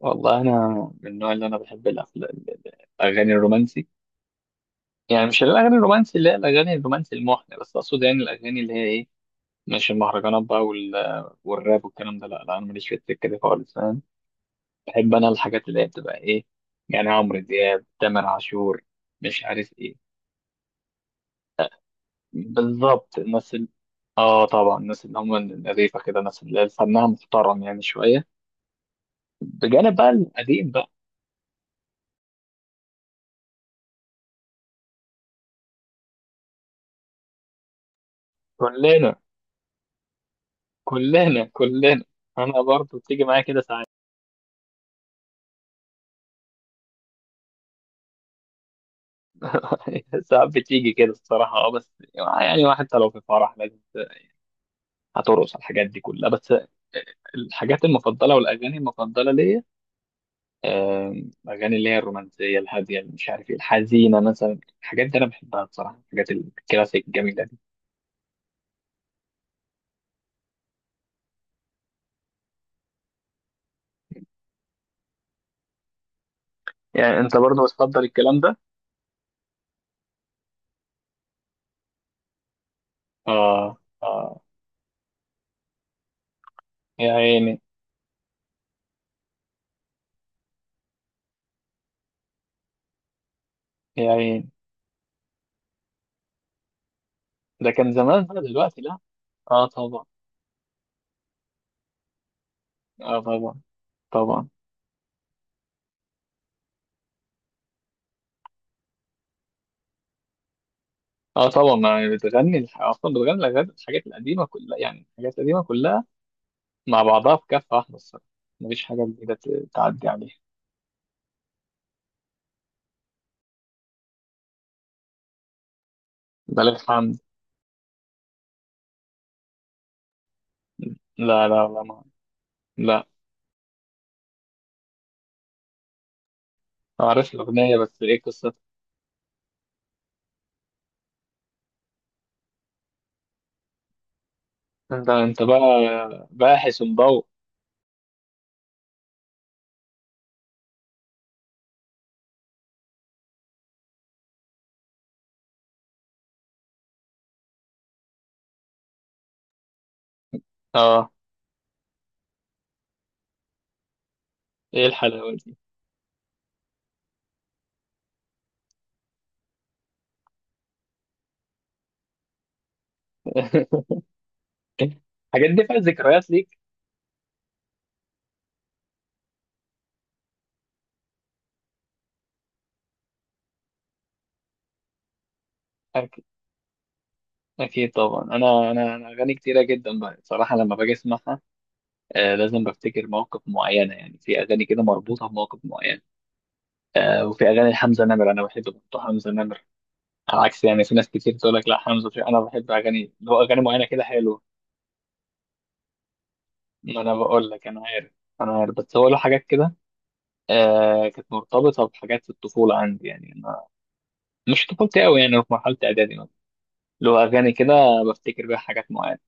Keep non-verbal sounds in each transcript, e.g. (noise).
والله انا من النوع اللي انا بحب الاغاني الرومانسي. يعني مش الاغاني الرومانسي اللي هي الاغاني الرومانسي المحن، بس اقصد يعني الاغاني اللي هي ايه، مش المهرجانات بقى والراب والكلام ده، لا لا انا ماليش في السكه دي خالص، فاهم؟ بحب انا الحاجات اللي هي بتبقى ايه، يعني عمرو دياب، تامر عاشور، مش عارف ايه بالظبط. اه طبعا الناس اللي هم النظيفه كده، الناس اللي فنها محترم يعني شويه، بجانب بقى القديم بقى. كلنا كلنا كلنا. انا برضو بتيجي معايا كده ساعات. (laughs) ساعات بتيجي كده الصراحة اه، بس يعني واحد حتى لو في فرح لازم هترقص على الحاجات دي كلها. بس الحاجات المفضلة والأغاني المفضلة ليا، آم، الأغاني اللي هي الرومانسية الهادية اللي مش عارف ايه، الحزينة مثلا، الحاجات دي أنا بحبها بصراحة، الحاجات الكلاسيك الجميلة دي. يعني أنت برضه بتفضل الكلام ده؟ آه. آه، يا عيني. يا عيني، ده كان زمان بقى، دلوقتي لا. آه طبعا. آه طبعا. طبعا. اه طبعا، ما بتغني اصلا بتغني الحاجات، الحاجات القديمه كلها يعني الحاجات القديمه كلها مع بعضها في كفه واحده الصراحه، مفيش حاجه جديده تعدي عليها. ده لك حمد. لا لا لا ما لا. عارف الاغنيه، بس ايه قصتها؟ انت انت بقى باحث ومضوء. اه. ايه الحلاوه دي! (laughs) الحاجات دي فيها ذكريات ليك. أكيد. أكيد طبعا. أنا أغاني كتيرة جدا بقى بصراحة لما باجي أسمعها، آه، لازم بفتكر مواقف معينة. يعني في أغاني كده مربوطة بمواقف معينة. آه، وفي اغاني حمزه نمر، انا بحب برضه حمزه نمر. على عكس يعني، في ناس كتير تقول لك لا حمزه انا بحب اغاني اللي هو اغاني معينه كده حلوه. ما انا بقول لك انا عارف. انا عارف، بس هو له حاجات كده. آه، كانت مرتبطه بحاجات في الطفوله عندي، يعني أنا مش طفولتي قوي، يعني في مرحله اعدادي مثلا، له اغاني كده بفتكر بيها حاجات معينه،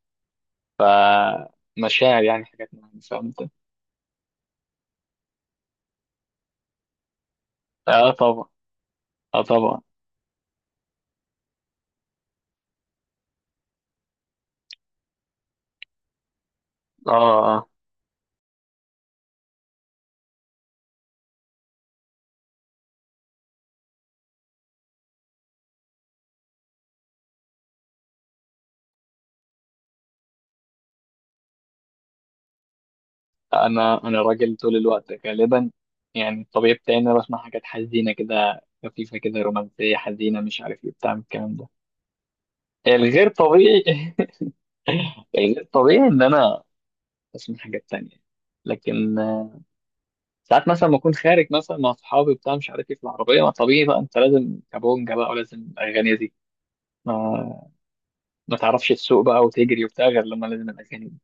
فمشاعر يعني حاجات معينه، فهمت؟ اه طبعا. اه طبعا. اه. آه. انا انا راجل طول الوقت غالبا، يعني الطبيعي بتاعي ان انا بسمع حاجات حزينه كده، خفيفه كده، رومانسيه حزينه، مش عارف ايه بتاع من الكلام ده. الغير طبيعي (laughs) الغير طبيعي ان انا اسمع حاجات تانية. لكن آه، ساعات مثلا ما اكون خارج مثلا مع اصحابي بتاع مش عارف ايه في العربيه، ما طبيعي بقى انت لازم كابونجا بقى ولازم الاغاني دي، ما ما تعرفش تسوق بقى وتجري وبتاع غير لما لازم الاغاني دي.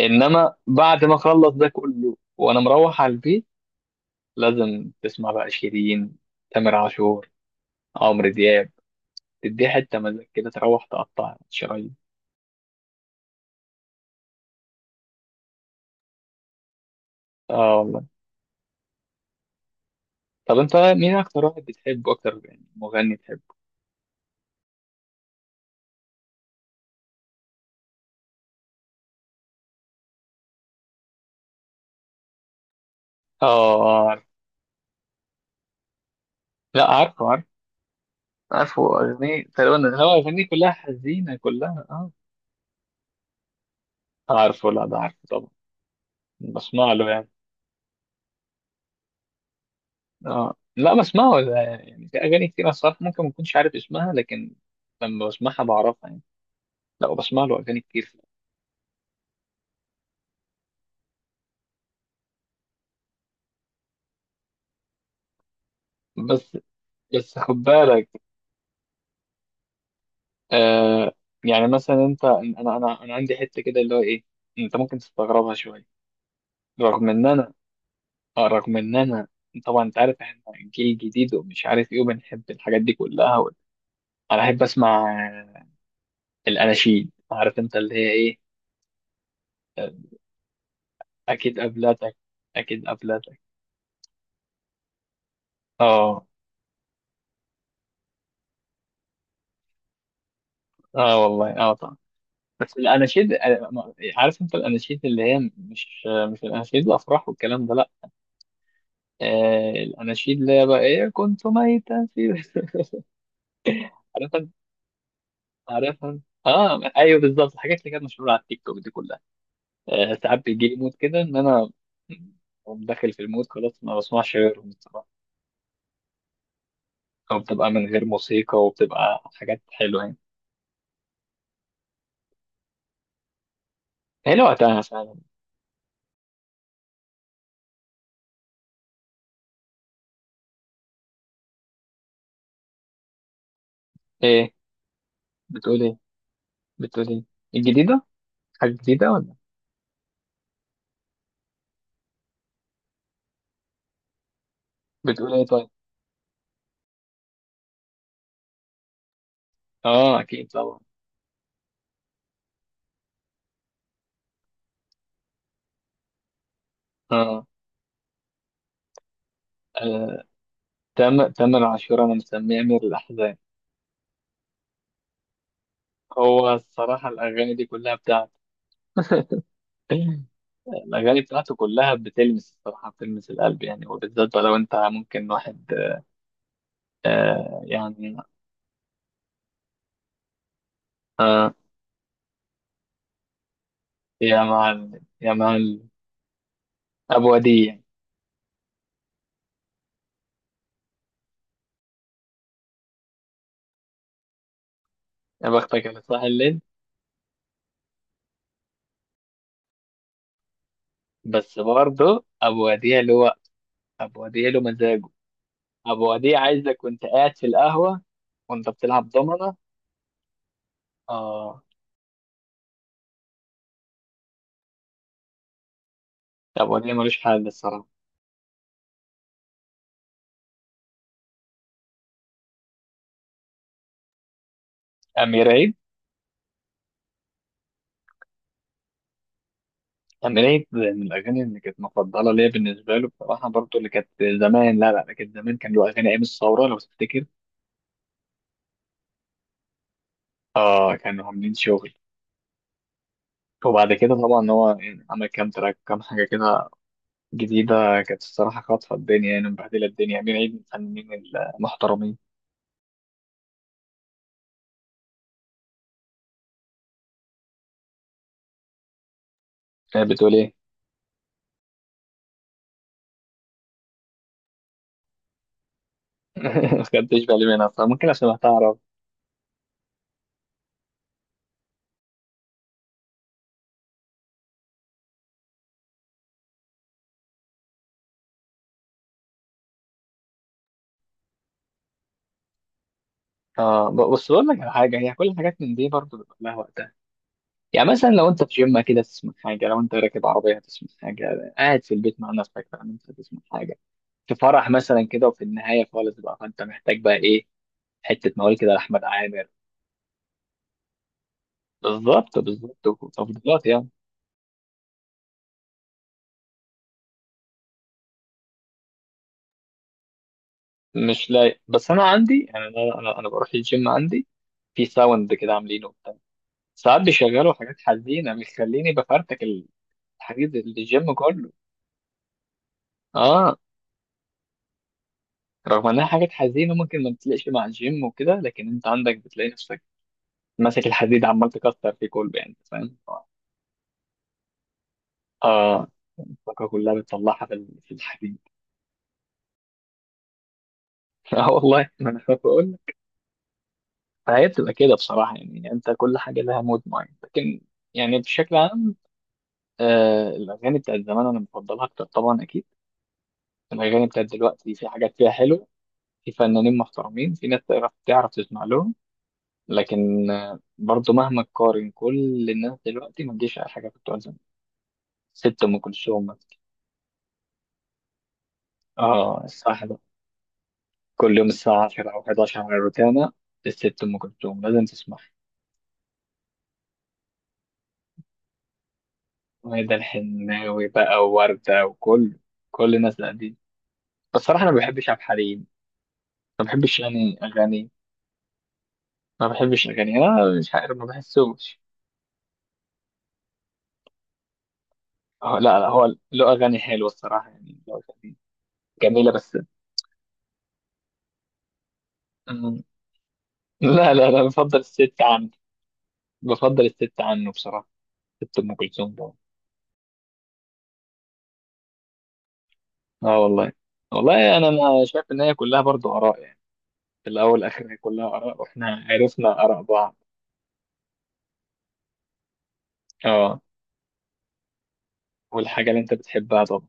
انما بعد ما اخلص ده كله وانا مروح على البيت، لازم تسمع بقى شيرين، تامر عاشور، عمرو دياب، تديه حتة مزاج كده تروح تقطع شرايين. اه والله. طب انت مين اكتر واحد بتحبه اكتر، يعني مغني بتحبه؟ اه، عارف. لا، عارفه عارفه. عارفه اغنية تقريبا، هو اغانيه كلها حزينة كلها اه. عارفه، لا ده عارفه طبعا. بسمع له يعني. اه لا بسمعه ده، يعني في اغاني كتير الصراحة ممكن ما اكونش عارف اسمها لكن لما بسمعها بعرفها يعني. لا بسمع له اغاني كتير. بس. بس خد بالك. آه. يعني مثلا انت، انا عندي حته كده اللي هو ايه، انت ممكن تستغربها شويه، رغم ان انا، آه، رغم ان انا، طبعا انت عارف احنا جيل جديد ومش عارف ايه وبنحب الحاجات دي كلها انا احب اسمع آه، الاناشيد. عارف انت اللي هي ايه؟ آه. اكيد قبلتك. اكيد قبلتك. اه. اه والله اه طبعا. بس الاناشيد آه، عارف انت الاناشيد اللي هي مش آه، مش الاناشيد الافراح والكلام ده، لا. آه الاناشيد اللي هي بقى ايه، كنت ميتا في (laughs) عارفها. عارفها. اه ايوه بالظبط، الحاجات اللي كانت مشهوره على التيك توك دي كلها. آه ساعات بيجي لي مود كده ان انا أقوم داخل في المود خلاص ما بسمعش غيرهم الصراحه. او بتبقى من غير موسيقى وبتبقى حاجات حلوه يعني. حلوه وقتها فعلا. ايه بتقول ايه؟ بتقول ايه؟ الجديده، حاجه جديده ولا؟ بتقول ايه طيب؟ اه اكيد طبعا. اه. آه. تم تم العاشوره انا مسميه امير الاحزان، هو الصراحه الاغاني دي كلها بتاعته. (laughs) الأغاني بتاعته كلها بتلمس الصراحة، بتلمس القلب يعني، وبالذات لو أنت ممكن واحد. آه يعني. آه، يا مع ال... يا مع ال... أبو وديع يعني. يا بختك اللي صاحي الليل. بس برضه أبو وديع له وقت. أبو وديع له مزاجه. أبو وديع عايزك وأنت قاعد في القهوة وأنت بتلعب ضمنة. آه. أبو وديع ملوش حل الصراحة. أمير عيد. أمير عيد من الأغاني اللي كانت مفضلة ليا بالنسبة له بصراحة برضه، اللي كانت زمان، لا لا كانت زمان كان له أغاني أيام الثورة لو تفتكر. اه كانوا عاملين شغل. وبعد كده طبعا هو عمل كام تراك، كام حاجة كده جديدة، كانت الصراحة خاطفة الدنيا، يعني مبهدلة الدنيا، عاملين عيد من الفنانين المحترمين. آه، بتقول ايه؟ (laughs) ما خدتش بالي منها فممكن عشان هتعرف. بس بقول لك على حاجة، هي كل الحاجات من دي برضه بيبقى لها وقتها. يعني مثلا لو انت في جيم كده تسمع حاجة، لو انت راكب عربية تسمع حاجة، قاعد في البيت مع نفسك فاهم انت تسمع حاجة، في فرح مثلا كده، وفي النهاية خالص بقى فانت محتاج بقى ايه، حتة مواويل كده لأحمد عامر. بالظبط بالظبط. تفضيلات يعني. مش لايق. بس انا عندي يعني، أنا بروح الجيم عندي في ساوند كده عاملينه وبتاع، ساعات بيشغلوا حاجات حزينه بيخليني بفرتك الحديد الجيم كله. اه رغم انها حاجات حزينه ممكن ما بتلاقيش مع الجيم وكده، لكن انت عندك بتلاقي نفسك ماسك الحديد عمال تكسر فيه كله، يعني أنت فاهم. اه الطاقه كلها بتطلعها في الحديد. (laughs) اه والله ما انا خايف اقول لك. فهي بتبقى كده بصراحه، يعني انت كل حاجه لها مود معين. لكن يعني بشكل عام، آه الأغاني بتاعت زمان أنا بفضلها أكتر طبعا أكيد. الأغاني بتاعت دلوقتي في حاجات فيها حلو، في فنانين محترمين، في ناس تعرف تسمع لهم، لكن آه برضو مهما تقارن كل الناس دلوقتي ما تجيش على حاجة بتوع زمان. ست أم كلثوم مثلا، آه الساعة 11، كل يوم الساعة 10 أو 11 على الروتانا الست أم كلثوم لازم تسمعها. وهذا الحناوي بقى، ووردة، وكل كل الناس دي. بس صراحة أنا ما بحبش عبد الحليم. ما بحبش يعني أغاني، ما بحبش الاغاني، انا مش عارف ما بحسهمش. اه لا لا، هو له اغاني حلوه الصراحه، يعني له اغاني جميله بس. أمم، لا لا لا بفضل الست عنه. بفضل الست عنه بصراحه. ست ام كلثوم طبعا. اه والله. والله انا ما شايف ان هي كلها برضو اراء يعني، في الاول والاخر هي كلها اراء واحنا عرفنا اراء بعض. اه والحاجه اللي انت بتحبها طبعا.